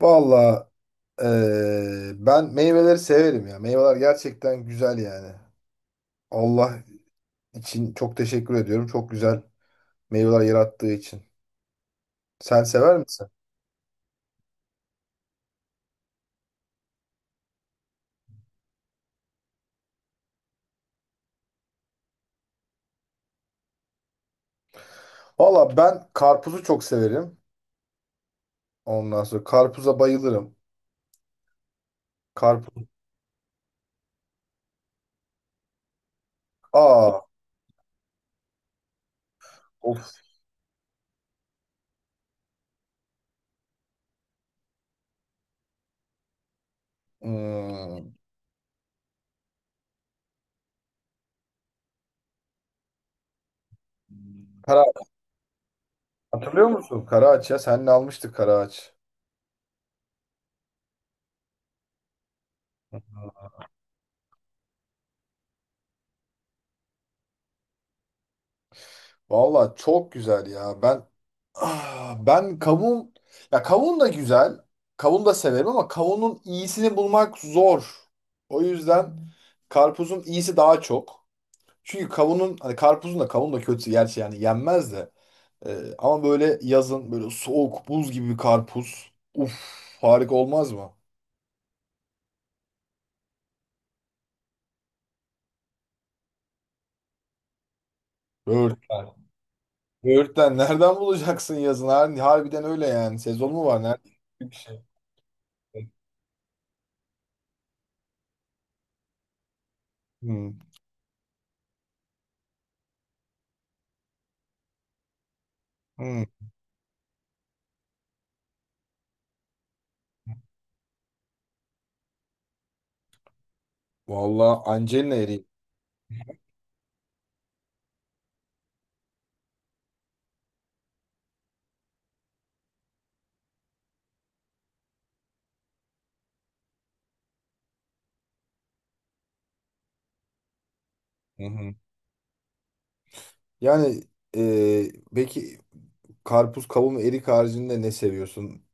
Valla ben meyveleri severim ya. Meyveler gerçekten güzel yani. Allah için çok teşekkür ediyorum. Çok güzel meyveler yarattığı için. Sen sever misin? Valla ben karpuzu çok severim. Ondan sonra karpuza bayılırım. Karpuz. Aa, of. Hmm. Kara, hatırlıyor musun? Karaağaç ya. Seninle almıştık karaağaç. Valla çok güzel ya. Ah, ben kavun ya, kavun da güzel. Kavun da severim ama kavunun iyisini bulmak zor. O yüzden karpuzun iyisi daha çok. Çünkü kavunun hani karpuzun da kavun da kötü gerçi yani yenmez de. Ama böyle yazın böyle soğuk buz gibi bir karpuz. Uf, harika olmaz mı? Böğürtlen. Böğürtlen nereden bulacaksın yazın? Harbiden öyle yani. Sezon mu var? Nerede? Bir şey. Hmm. Hmm. Vallahi Angelina Jolie. Hı hı. Yani, peki karpuz, kavun ve erik haricinde ne seviyorsun?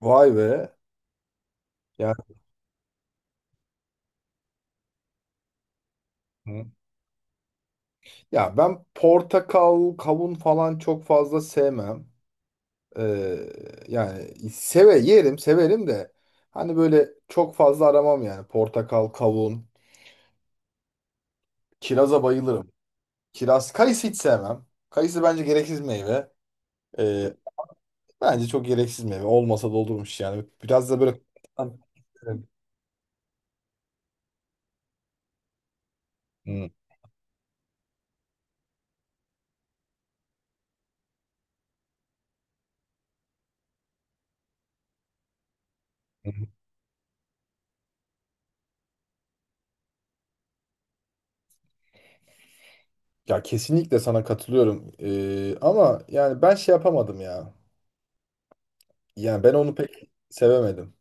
Vay be. Yani, Hı. Ya ben portakal, kavun falan çok fazla sevmem. Ee, Yani seve yerim, severim de hani böyle çok fazla aramam yani portakal, kavun, kiraza bayılırım. Kiraz, kayısı hiç sevmem. Kayısı bence gereksiz meyve. Ee, Bence çok gereksiz meyve. Olmasa da olurmuş yani. Biraz da böyle. Hmm. Ya kesinlikle sana katılıyorum. Ama yani ben şey yapamadım ya. Yani ben onu pek sevemedim.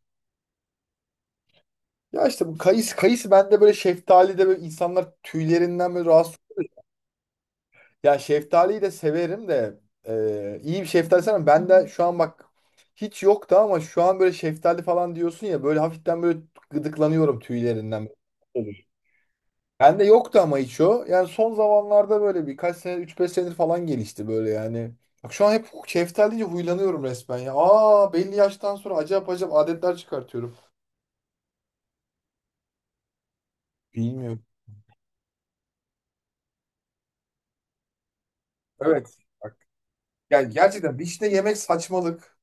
Ya işte bu kayısı bende böyle, şeftali de böyle, insanlar tüylerinden böyle rahatsız. Ya şeftaliyi de severim de iyi bir şeftali sana. Ben de şu an bak, hiç yoktu ama şu an böyle şeftali falan diyorsun ya, böyle hafiften böyle gıdıklanıyorum tüylerinden. Olur. Bende yoktu ama hiç o. Yani son zamanlarda böyle birkaç sene, üç beş senedir falan gelişti böyle yani. Bak şu an hep şeftali deyince huylanıyorum resmen ya. Aa, belli yaştan sonra acayip acayip adetler çıkartıyorum. Bilmiyorum. Evet. Bak, yani gerçekten işte yemek saçmalık.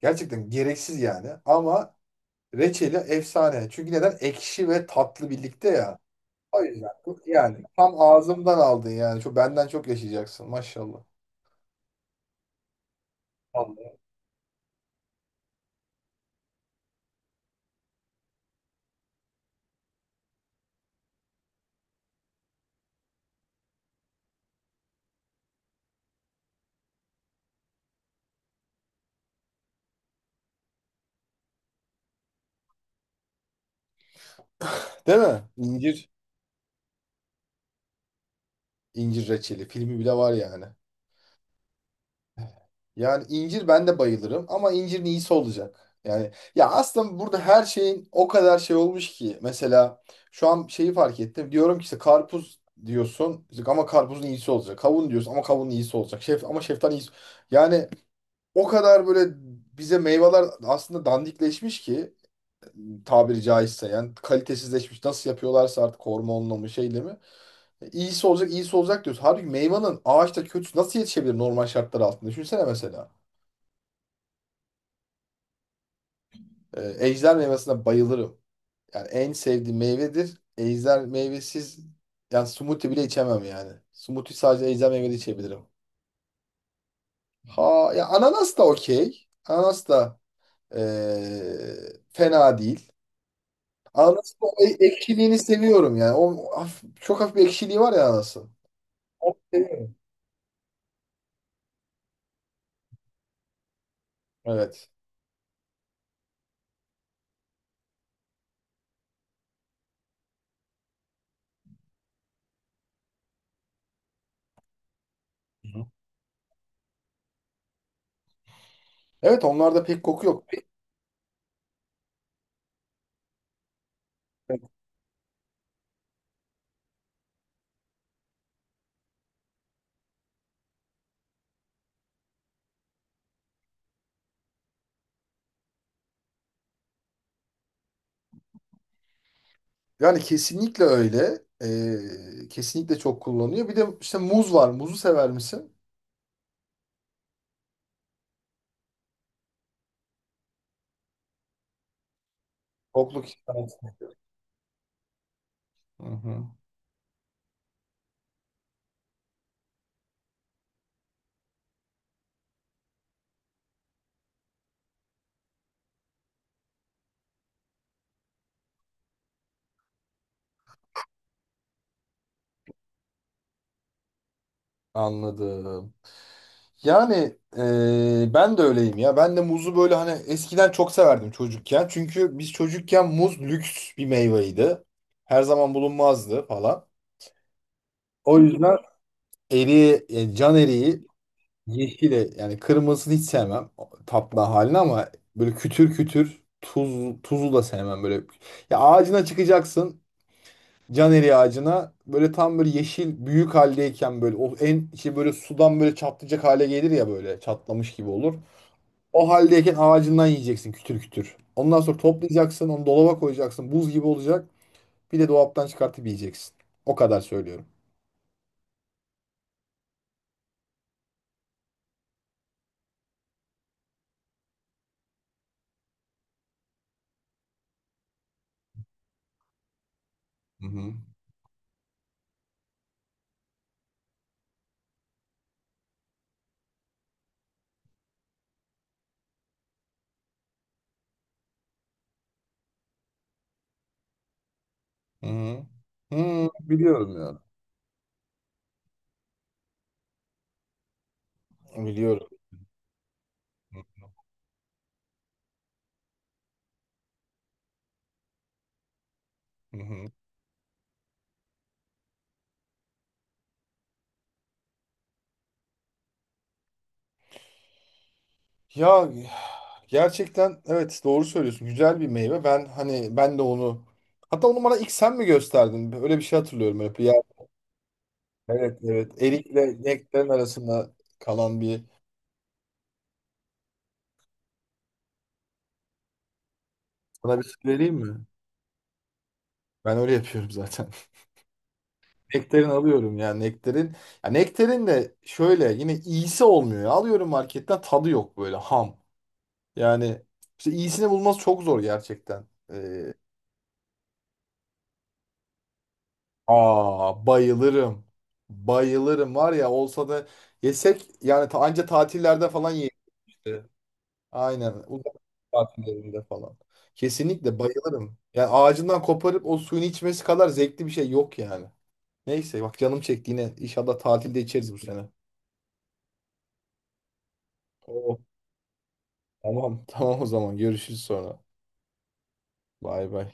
Gerçekten gereksiz yani ama reçeli efsane. Çünkü neden? Ekşi ve tatlı birlikte ya. O yüzden yani tam ağzımdan aldın yani. Çok, benden çok yaşayacaksın maşallah. Vallahi. Değil mi? İncir, incir reçeli. Filmi bile var yani. Yani incir ben de bayılırım ama incirin iyisi olacak. Yani ya aslında burada her şeyin o kadar şey olmuş ki. Mesela şu an şeyi fark ettim. Diyorum ki işte karpuz diyorsun işte ama karpuzun iyisi olacak. Kavun diyorsun ama kavunun iyisi olacak. Ama şeftalinin iyisi. Yani o kadar böyle bize meyveler aslında dandikleşmiş ki, tabiri caizse yani kalitesizleşmiş. Nasıl yapıyorlarsa artık, hormonla mı şeyle mi. İyisi olacak, iyisi olacak diyoruz. Halbuki meyvanın ağaçta kötüsü nasıl yetişebilir normal şartlar altında? Düşünsene mesela. Ejder meyvesine bayılırım. Yani en sevdiğim meyvedir. Ejder meyvesiz yani smoothie bile içemem yani. Smoothie sadece ejder meyveli içebilirim. Ha ya, ananas da okey. Ananas da fena değil. Ananasın o ekşiliğini seviyorum yani. O çok hafif bir ekşiliği var ya ananasın. Seviyorum. Evet. Hı hı. Evet, onlarda pek koku yok. Yani kesinlikle öyle. Kesinlikle çok kullanılıyor. Bir de işte muz var. Muzu sever misin? Kokluk. Hı hı. Anladım. Yani, ben de öyleyim ya. Ben de muzu böyle hani eskiden çok severdim çocukken. Çünkü biz çocukken muz lüks bir meyveydi. Her zaman bulunmazdı falan. O yüzden can eriği. Yeşili yani, kırmızısını hiç sevmem o tatlı halini ama böyle kütür kütür, tuzu da sevmem böyle. Ya ağacına çıkacaksın, can eriği ağacına böyle, tam böyle yeşil büyük haldeyken, böyle o en şey, böyle sudan böyle çatlayacak hale gelir ya, böyle çatlamış gibi olur. O haldeyken ağacından yiyeceksin kütür kütür. Ondan sonra toplayacaksın, onu dolaba koyacaksın, buz gibi olacak, bir de dolaptan çıkartıp yiyeceksin. O kadar söylüyorum. Hı hı. Hı hı. Hı, biliyorum ya. Biliyorum. Hı hı. Ya gerçekten, evet, doğru söylüyorsun. Güzel bir meyve. Ben hani, ben de onu, hatta onu bana ilk sen mi gösterdin? Öyle bir şey hatırlıyorum hep. Ya, evet, evet. Erikle nektarin arasında kalan bir, sana bir şey vereyim mi? Ben öyle yapıyorum zaten. Nektarin alıyorum yani, nektarin. Ya nektarin de şöyle yine iyisi olmuyor ya. Alıyorum marketten, tadı yok, böyle ham. Yani işte iyisini bulması çok zor gerçekten. Ee, Aa, bayılırım. Bayılırım var ya, olsa da yesek yani, anca tatillerde falan yemişti. Aynen, uzak tatillerinde falan. Kesinlikle bayılırım. Yani ağacından koparıp o suyunu içmesi kadar zevkli bir şey yok yani. Neyse, bak canım çekti yine. İnşallah tatilde içeriz bu sene. Oo, tamam. Tamam, o zaman görüşürüz sonra. Bay bay.